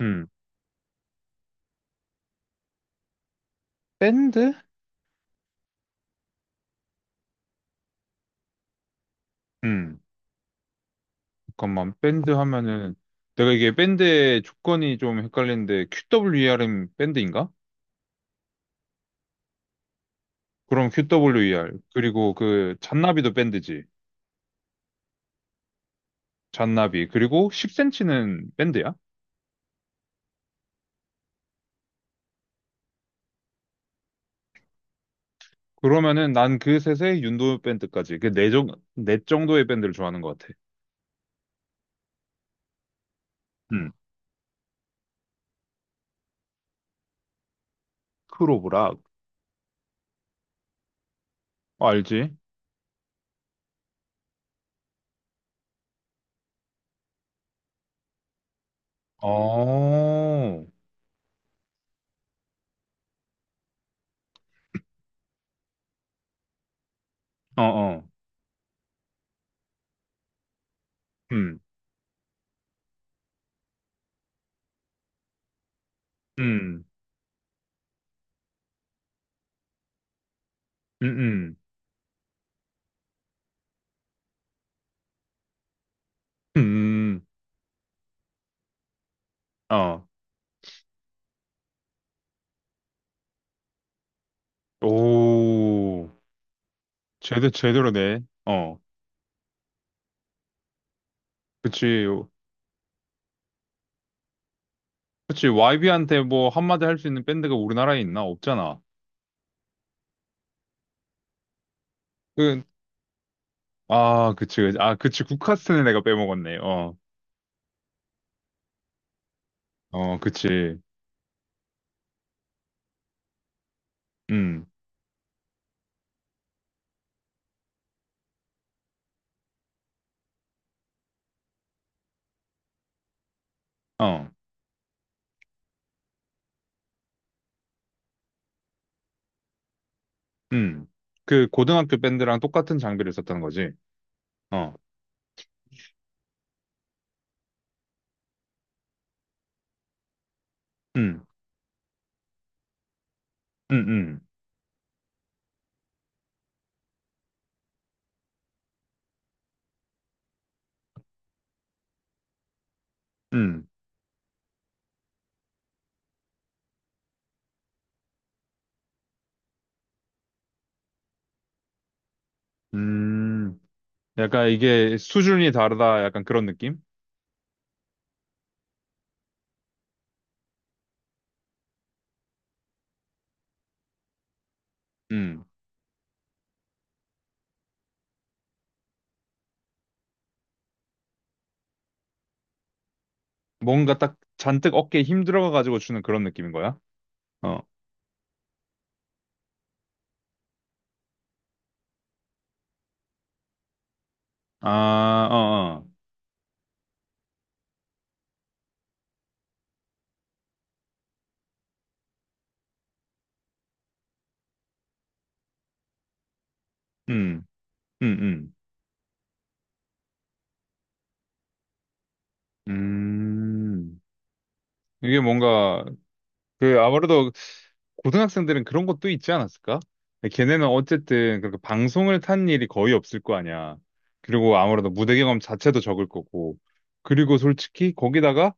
음, 밴드? 음. 잠깐만, 밴드 하면은, 내가 이게 밴드의 조건이 좀 헷갈리는데, QWER은 밴드인가? 그럼 QWER. 그리고 그, 잔나비도 밴드지. 잔나비. 그리고 10cm는 밴드야? 그러면은 난 그 셋의 윤도 밴드까지, 네 정도의 밴드를 좋아하는 것 같아. 음. 크로브락. 어, 알지? 어, 어, 어. 음, 음, 음, 음, 음, 어. 오. 제대로 돼. 어. 그치. 그치. YB한테 뭐 한마디 할 수 있는 밴드가 우리나라에 있나? 없잖아. 그, 아, 그치. 그치. 아, 그치. 국카스는 내가 빼먹었네. 어. 어, 그치. 음. 어. 음. 그 고등학교 밴드랑 똑같은 장비를 썼다는 거지. 어. 음. 음. 음. 음. 음. 약간 이게 수준이 다르다. 약간 그런 느낌? 음. 뭔가 딱 잔뜩 어깨에 힘 들어가가지고 주는 그런 느낌인 거야? 어. 아, 어, 어. 음. 음. 음. 음, 이게 뭔가, 그, 아무래도 고등학생들은 그런 것도 있지 않았을까? 걔네는 어쨌든 그렇게 방송을 탄 일이 거의 없을 거 아니야. 그리고 아무래도 무대 경험 자체도 적을 거고. 그리고 솔직히 거기다가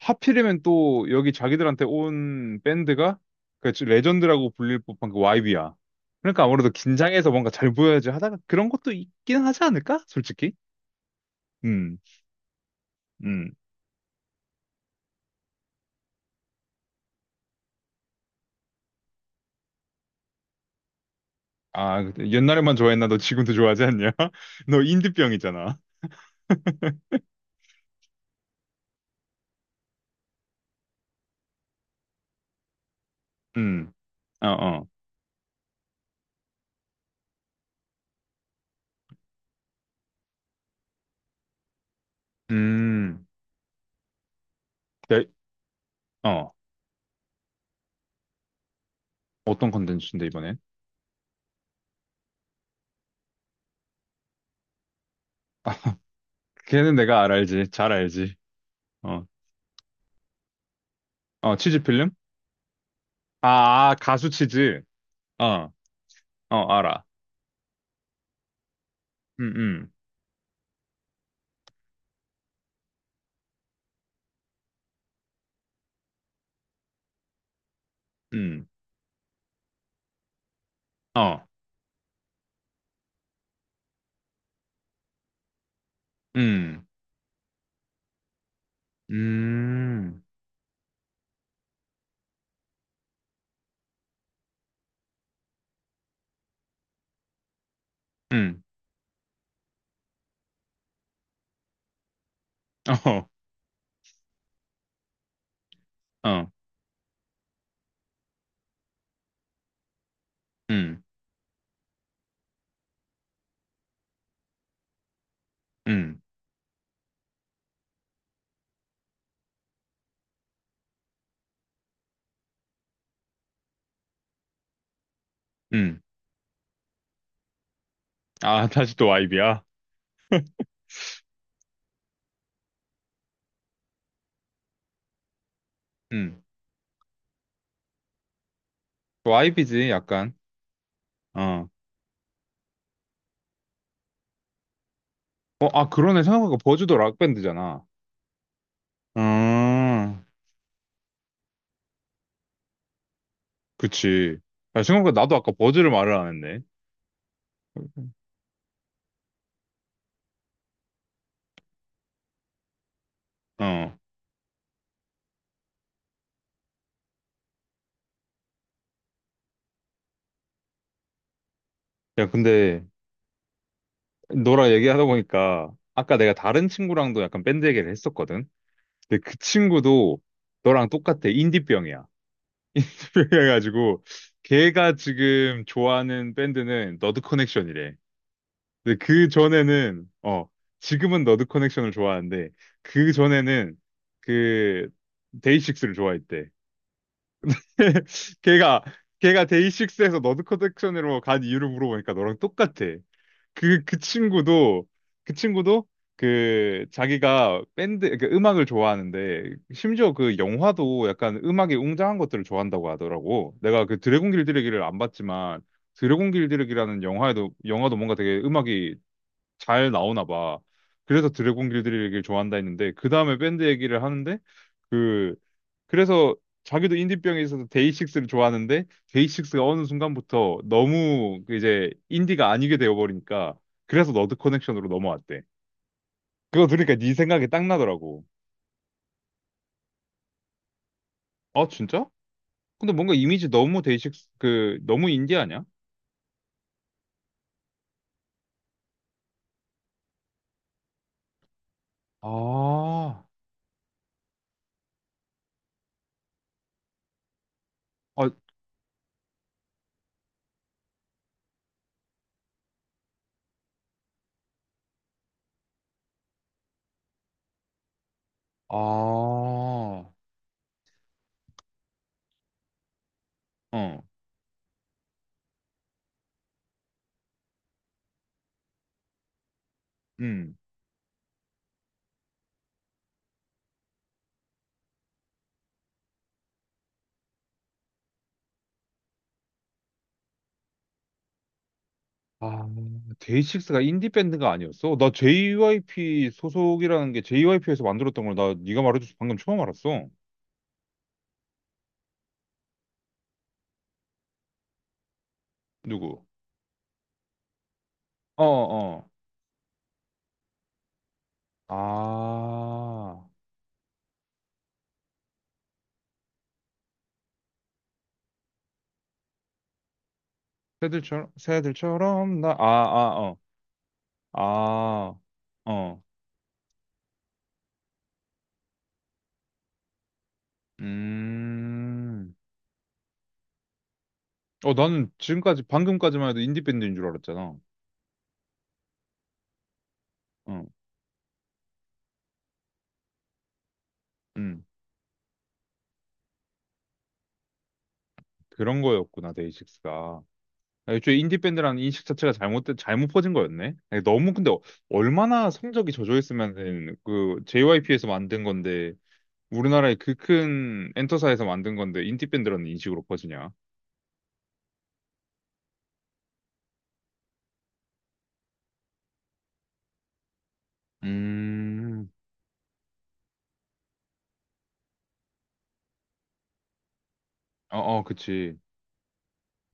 하필이면 또 여기 자기들한테 온 밴드가 그 레전드라고 불릴 법한 그 YB야. 그러니까 아무래도 긴장해서 뭔가 잘 보여야지 하다가 그런 것도 있긴 하지 않을까? 솔직히. 음, 음. 아, 그때 옛날에만 좋아했나? 너 지금도 좋아하지 않냐? 너 인디병이잖아. 음, 어, 어. 음, 네, 어. 어떤 컨텐츠인데, 이번엔? 걔는 내가 알 알지. 잘 알지. 어, 어, 치즈 필름? 아, 아, 가수 치즈. 어, 어, 알아. 음, 음, 음, 어, 음, 음, 음, 어, 어, 음, 음, 음. 아, 다시 또이비야. 음. 이비지 약간. 어. 어, 아, 그러네. 생각해보니까 버즈도 락밴드잖아. 아, 그치. 야, 생각보다 나도 아까 버즈를 말을 안 했네. 어. 야, 근데 너랑 얘기하다 보니까 아까 내가 다른 친구랑도 약간 밴드 얘기를 했었거든. 근데 그 친구도 너랑 똑같아. 인디병이야. 그래가지고 걔가 지금 좋아하는 밴드는 너드 커넥션이래. 근데 그 전에는 어 지금은 너드 커넥션을 좋아하는데 그 전에는 그 데이식스를 좋아했대. 걔가 걔가 데이식스에서 너드 커넥션으로 간 이유를 물어보니까 너랑 똑같아. 그 그 친구도 그 친구도 그 자기가 밴드 그 음악을 좋아하는데 심지어 그 영화도 약간 음악이 웅장한 것들을 좋아한다고 하더라고. 내가 그 드래곤 길들이기를 안 봤지만 드래곤 길들이기라는 영화에도 영화도 뭔가 되게 음악이 잘 나오나 봐. 그래서 드래곤 길들이기를 좋아한다 했는데 그 다음에 밴드 얘기를 하는데 그 그래서 자기도 인디병에 있어서 데이식스를 좋아하는데 데이식스가 어느 순간부터 너무 그 이제 인디가 아니게 되어버리니까 그래서 너드 커넥션으로 넘어왔대. 그거 들으니까 네 생각이 딱 나더라고. 아 진짜? 근데 뭔가 이미지 너무 데이식스 그 너무 인디 아니야? 아, 아, 아, 어, 음. 아, 데이식스가 인디 밴드가 아니었어? 나 JYP 소속이라는 게 JYP에서 만들었던 걸 나 네가 말해줘서 방금 처음 알았어. 누구? 어, 어. 아, 새들처럼, 나, 아, 아, 어, 아, 어, 음, 어, 나는 지금까지, 방금까지만 해도 인디밴드인 줄 알았잖아. 어, 음, 그런 거였구나, 데이식스가. 아, 애초에 인디밴드라는 인식 자체가 잘못된, 잘못 퍼진 거였네? 아니, 너무, 근데, 어- 얼마나 성적이 저조했으면, 그, JYP에서 만든 건데, 우리나라의 그 큰 엔터사에서 만든 건데, 인디밴드라는 인식으로 퍼지냐? 음, 어, 어, 그치.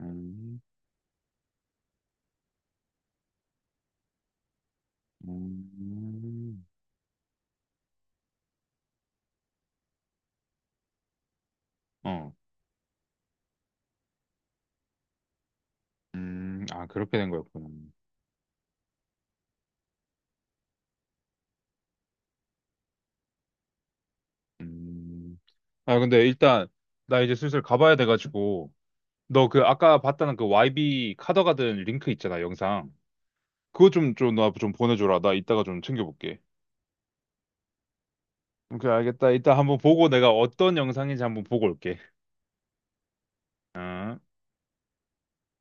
음, 음, 어, 아, 그렇게 된 거였구나. 음, 아, 근데 일단, 나 이제 슬슬 가봐야 돼가지고, 너 그 아까 봤다는 그 YB 카더가든 링크 있잖아, 영상. 그거 좀 나 좀 보내줘라. 나 이따가 좀 챙겨볼게. 오케이, 알겠다. 이따 한번 보고 내가 어떤 영상인지 한번 보고 올게. 어.